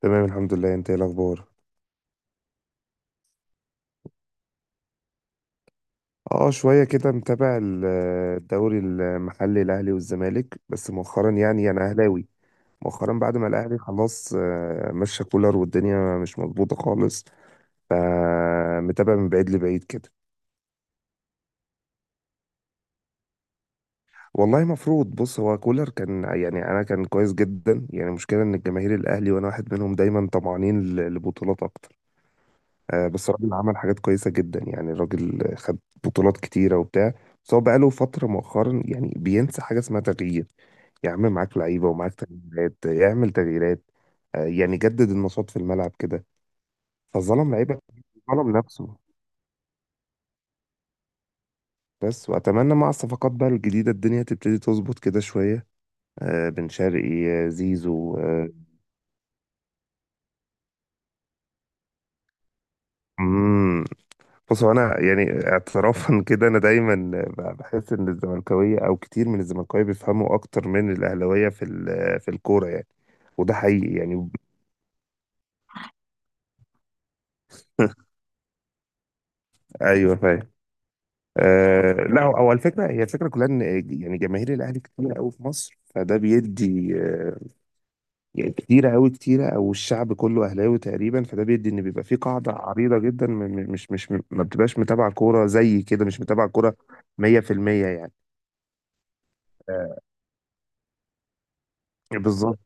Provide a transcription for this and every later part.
تمام الحمد لله، انت ايه الاخبار؟ اه شويه كده متابع الدوري المحلي، الاهلي والزمالك بس مؤخرا يعني. انا اهلاوي مؤخرا بعد ما الاهلي خلاص مشى كولر والدنيا مش مظبوطه خالص، فمتابع من بعيد لبعيد كده. والله مفروض. بص، هو كولر كان يعني انا كان كويس جدا يعني. المشكله ان الجماهير الاهلي، وانا واحد منهم، دايما طمعانين لبطولات اكتر. بس الراجل عمل حاجات كويسة جدا يعني. الراجل خد بطولات كتيرة وبتاع. بس هو بقاله فترة مؤخرا يعني بينسى حاجة اسمها تغيير. يا عم معاك لعيبة ومعاك تغييرات، يعمل تغييرات. يعني جدد النشاط في الملعب كده. فظلم لعيبة، ظلم نفسه بس. وأتمنى مع الصفقات بقى الجديدة الدنيا تبتدي تظبط كده شوية. بن شرقي، زيزو، مم، بص، هو انا يعني اعترافا كده، انا دايما بحس ان الزملكاويه او كتير من الزملكاويه بيفهموا اكتر من الاهلاويه في في الكوره يعني. وده حقيقي يعني. ايوه فاهم. آه، لا، هو هو الفكره، هي الفكره كلها ان يعني جماهير الاهلي كتير قوي في مصر، فده بيدي يعني كتيره قوي، كتيره، او الشعب كله اهلاوي تقريبا، فده بيدي ان بيبقى في قاعده عريضه جدا مش ما بتبقاش متابعه كوره. زي كده مش متابعه كوره 100% يعني. آه، بالظبط.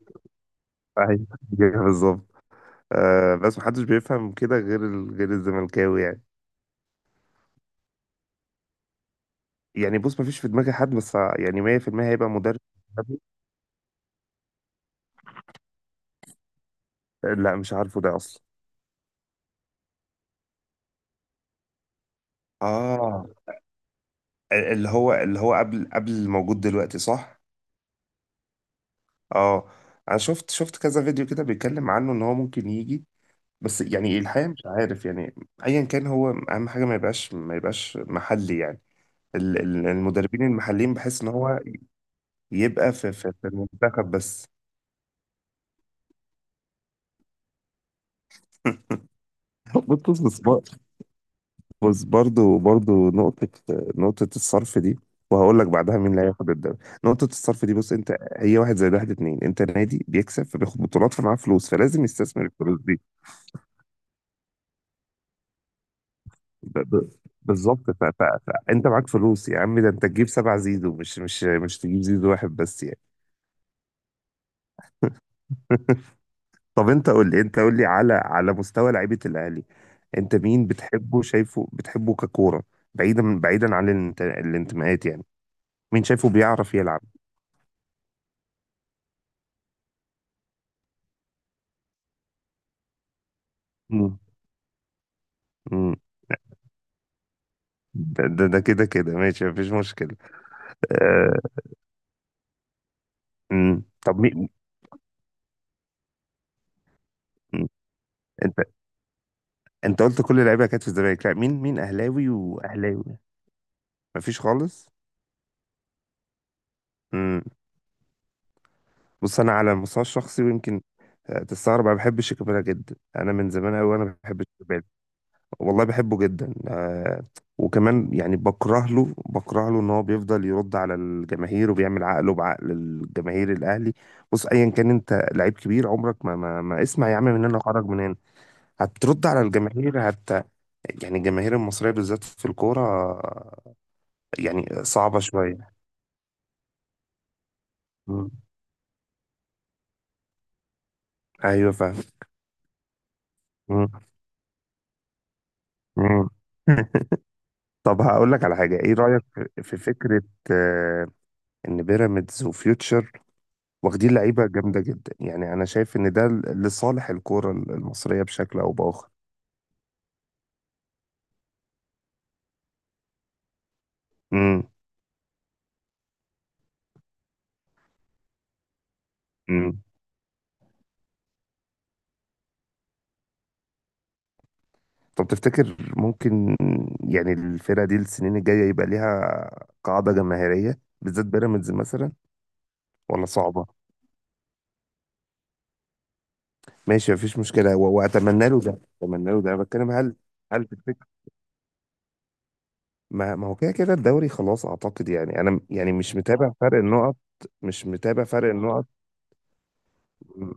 ايوه بالظبط. آه، بس محدش بيفهم كده غير غير الزملكاوي يعني. يعني بص، مفيش في دماغي حد، بس يعني 100% هيبقى مدرب أجنبي. لا مش عارفه ده اصلا. اه، اللي هو اللي هو قبل الموجود دلوقتي، صح. اه، انا شفت كذا فيديو كده بيتكلم عنه ان هو ممكن يجي. بس يعني الحقيقه مش عارف يعني. ايا كان، هو اهم حاجه ما يبقاش محلي يعني. المدربين المحليين بحس ان هو يبقى في المنتخب بس. بطل. بص، برضو برضو نقطة، نقطة الصرف دي. وهقول لك بعدها مين اللي هياخد الدوري. نقطة الصرف دي، بص، انت هي واحد زائد واحد اتنين. انت نادي بيكسب فبياخد بطولات، فمعاه فلوس، فلازم يستثمر الفلوس دي. ب- ب- بالظبط. فانت معاك فلوس يا عم، ده انت تجيب سبع زيزو، مش تجيب زيزو واحد بس يعني. طب انت قول لي، على مستوى لعيبة الاهلي، انت مين بتحبه، شايفه بتحبه ككورة، بعيدا عن الانتماءات يعني. مين شايفه بيعرف يلعب؟ مم. ده كده كده ماشي، مفيش مشكلة. آه، مم. طب مين؟ مم. انت، انت قلت كل اللعيبة كانت في الزمالك. لا، مين مين اهلاوي واهلاوي. مفيش خالص. مم. بص، انا على المستوى الشخصي، ويمكن تستغرب، انا بحب شيكابالا جدا. انا من زمان قوي وانا بحب شيكابالا. والله بحبه جدا. آه، وكمان يعني بكره له ان هو بيفضل يرد على الجماهير وبيعمل عقله بعقل الجماهير الاهلي. بص، ايا كان انت لعيب كبير، عمرك ما ما اسمع يا عم، من هنا وخرج من هنا. هترد على الجماهير، هت... يعني الجماهير المصرية بالذات في الكورة يعني صعبة شوية. مم. أيوة فاهم. مم. مم. طب هقول لك على حاجة، إيه رأيك في فكرة آه، إن بيراميدز وفيوتشر واخدين لعيبة جامدة جدا؟ يعني أنا شايف إن ده لصالح الكورة المصرية بشكل أو بآخر. مم. مم. طب تفتكر ممكن يعني الفرقة دي السنين الجاية يبقى ليها قاعدة جماهيرية، بالذات بيراميدز مثلا، ولا صعبة؟ ماشي مفيش مشكلة. وأتمنى له ده. أنا بتكلم، هل... هل في الفكرة... ما هو كده كده الدوري خلاص، أعتقد يعني. أنا يعني مش متابع فرق النقط. مش متابع فرق النقط م،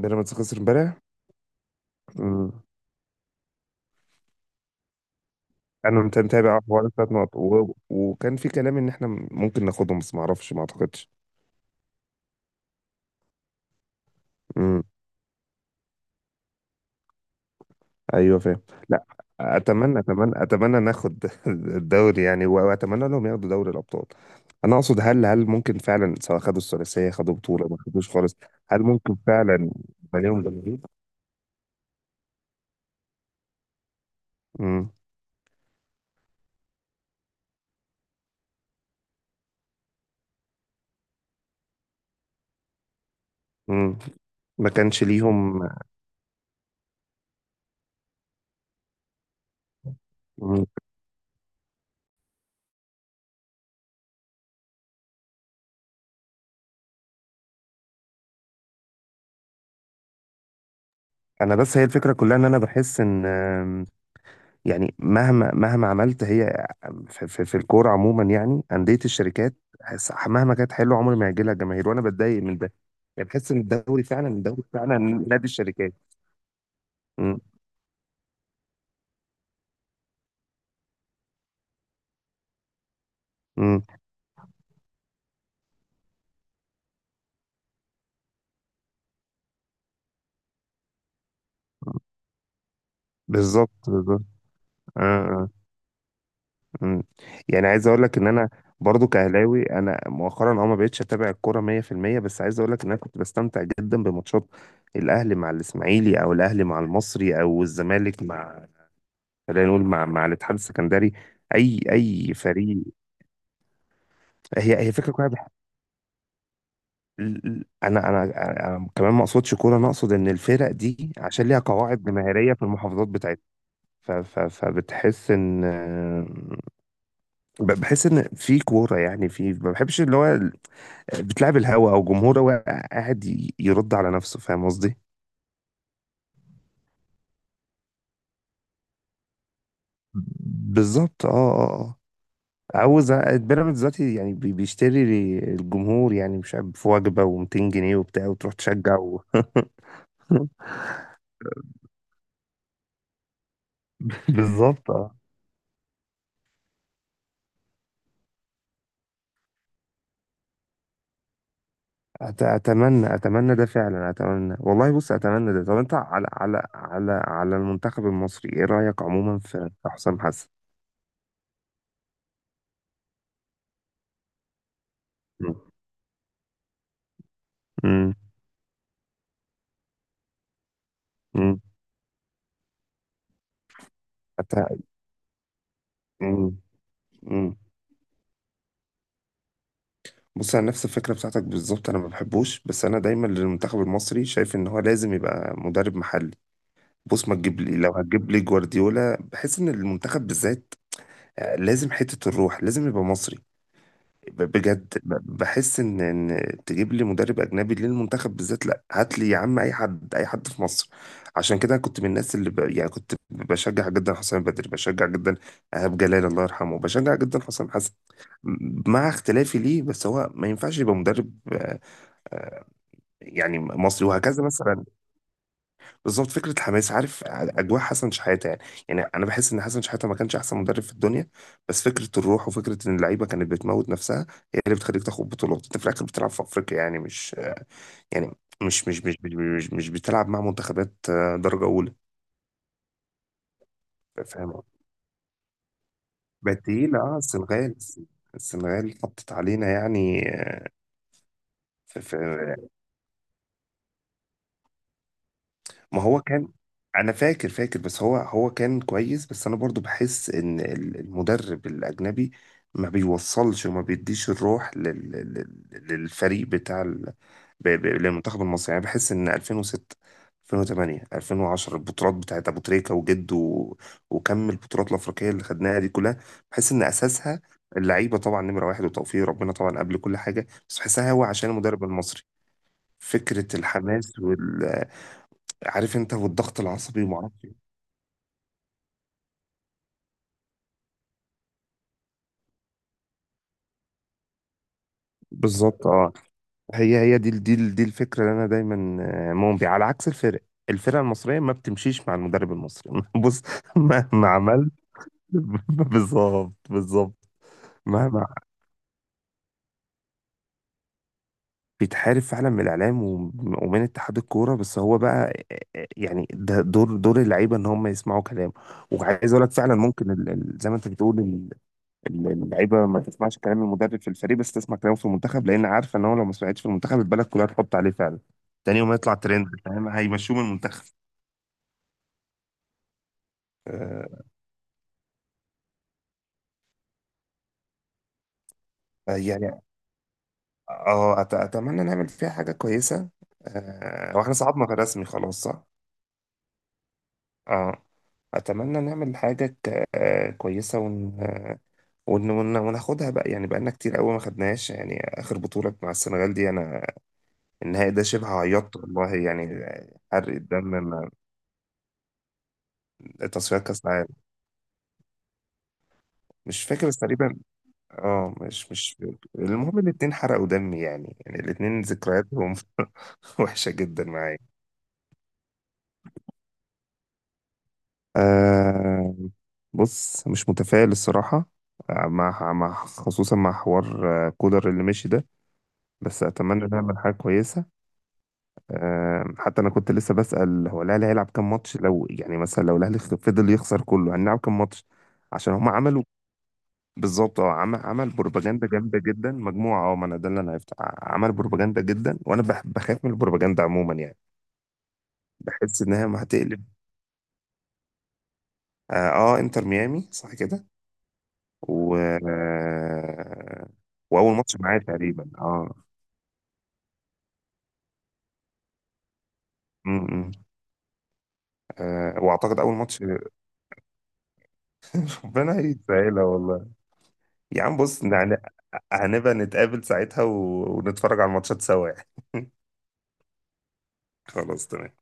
بيراميدز خسر امبارح. م، أنا متابع حوالي ثلاث نقط، و... وكان في كلام إن إحنا ممكن ناخدهم، بس ما أعرفش، ما أعتقدش. ايوه فاهم. لا، اتمنى ناخد الدوري يعني، واتمنى لهم ياخدوا دوري الابطال. انا اقصد، هل ممكن فعلا سواء خدوا الثلاثيه، خدوا بطوله، ما خدوش خالص، هل ممكن فعلا يبقى ليهم جماهير؟ امم، امم، ما كانش ليهم. مم. انا بس هي الفكره كلها ان انا بحس ان يعني مهما عملت هي، في الكوره عموما يعني، انديه الشركات مهما كانت حلوه عمر ما هيجي لها جماهير، وانا بتضايق من ده. يعني بحس ان الدوري فعلا، نادي الشركات. م- م. بالظبط. آه، آه، م. يعني عايز اقول لك ان انا برضو كاهلاوي، انا مؤخرا اه ما بقتش اتابع الكوره 100%. بس عايز اقول لك ان انا كنت بستمتع جدا بماتشات الاهلي مع الاسماعيلي، او الاهلي مع المصري، او الزمالك مع، خلينا نقول، مع الاتحاد السكندري. اي اي فريق. هي هي فكره كويسه ال- ال- انا انا انا كمان ما اقصدش كوره، انا اقصد ان الفرق دي عشان ليها قواعد جماهيريه في المحافظات بتاعتها، فبتحس ان بحس ان في كوره يعني. في، ما بحبش اللي هو بتلعب الهوا، او جمهور هو قاعد يرد على نفسه، فاهم قصدي؟ بالظبط. اه، اه، اه، عاوز بيراميدز دلوقتي يعني بيشتري الجمهور يعني، مش عارف، في وجبه و200 جنيه وبتاع وتروح تشجع و... بالظبط. اتمنى اتمنى ده فعلا، اتمنى والله. بص، اتمنى ده. طب انت على المنتخب المصري ايه رايك عموما؟ في حسام حسن. مم. مم. مم. أت... مم. مم. بص انا نفس الفكره بتاعتك بالظبط، انا ما بحبوش، بس انا دايما للمنتخب المصري شايف ان هو لازم يبقى مدرب محلي. بص ما تجيب لي، لو هتجيب لي جوارديولا، بحس ان المنتخب بالذات لازم حته الروح لازم يبقى مصري. بجد، بحس ان ان تجيب لي مدرب اجنبي للمنتخب بالذات، لا، هات لي يا عم اي حد، اي حد في مصر. عشان كده كنت من الناس اللي يعني كنت بشجع جدا حسام بدري، بشجع جدا ايهاب جلال الله يرحمه، بشجع جدا حسام حسن مع اختلافي ليه. بس هو ما ينفعش يبقى مدرب آه، يعني مصري، وهكذا مثلا. بالظبط، فكره الحماس، عارف اجواء حسن شحاته يعني. يعني انا بحس ان حسن شحاته ما كانش احسن مدرب في الدنيا، بس فكره الروح وفكره ان اللعيبه كانت بتموت نفسها هي اللي بتخليك تاخد بطولات. انت في الاخر بتلعب في افريقيا يعني، مش يعني، مش بتلعب مع منتخبات درجه اولى. فاهم. بقت تقيله، اه السنغال. حطت علينا يعني. في, في ما هو كان، انا فاكر، بس هو هو كان كويس. بس انا برضو بحس ان المدرب الاجنبي ما بيوصلش وما بيديش الروح للفريق بتاع للمنتخب المصري. يعني بحس ان 2006، 2008، 2010، البطولات بتاعت ابو تريكة وجد و... وكم البطولات الافريقيه اللي خدناها دي كلها، بحس ان اساسها اللعيبه طبعا نمره واحد وتوفيق ربنا طبعا قبل كل حاجه، بس بحسها هو عشان المدرب المصري، فكره الحماس وال... عارف انت، والضغط العصبي وما اعرفش ايه. بالظبط اه. هي هي دي دي دي الفكره اللي انا دايما مؤمن بيها، على عكس الفرق. الفرقه المصريه ما بتمشيش مع المدرب المصري. بص، مهما عملت. بالظبط. مهما... بيتحارب فعلا من الاعلام ومن اتحاد الكوره، بس هو بقى يعني ده دور اللعيبه ان هم يسمعوا كلامه. وعايز اقول لك فعلا ممكن زي ما انت بتقول، اللعيبه ما تسمعش كلام المدرب في الفريق، بس تسمع كلامه في المنتخب لان عارفه ان هو لو ما سمعتش في المنتخب البلد كلها تحط عليه فعلا، تاني يوم يطلع ترند فاهم، هيمشوه من المنتخب. آه، يعني اه، اتمنى نعمل فيها حاجه كويسه. واحنا صعدنا في رسمي خلاص، صح؟ اه، اتمنى نعمل حاجه ك... آه، كويسه ون... آه، ون... ون... وناخدها بقى يعني. بقالنا كتير قوي ما خدناهاش يعني. اخر بطوله مع السنغال دي انا، النهائي ده شبه عيطت والله يعني. حرق الدم من تصفيات كاس العالم. مش فاكر بس تقريبا. اه مش فاكر. المهم الاتنين حرقوا دمي يعني، يعني الاتنين ذكرياتهم وحشة جدا معايا. آه، بص، مش متفائل الصراحة. مع خصوصا مع حوار كولر اللي مشي ده. بس أتمنى نعمل حاجة كويسة. آه حتى أنا كنت لسه بسأل، هو الأهلي هيلعب كام ماتش؟ لو يعني مثلا لو الأهلي فضل يخسر كله هنلعب كام ماتش؟ عشان هم عملوا، بالظبط اه، عمل بروباجندا جامده جدا مجموعه. اه، ما انا ده اللي انا عرفته، عمل بروباجندا جدا، وانا بخاف من البروباجندا عموما يعني. بحس انها ما هتقلب. اه انتر ميامي صح كده. و واول ماتش معايا تقريبا اه. إمم، آه، واعتقد اول ماتش. ربنا يسهلها والله. يا عم بص يعني، هنبقى نتقابل ساعتها و... ونتفرج على الماتشات سوا يعني. خلاص تمام.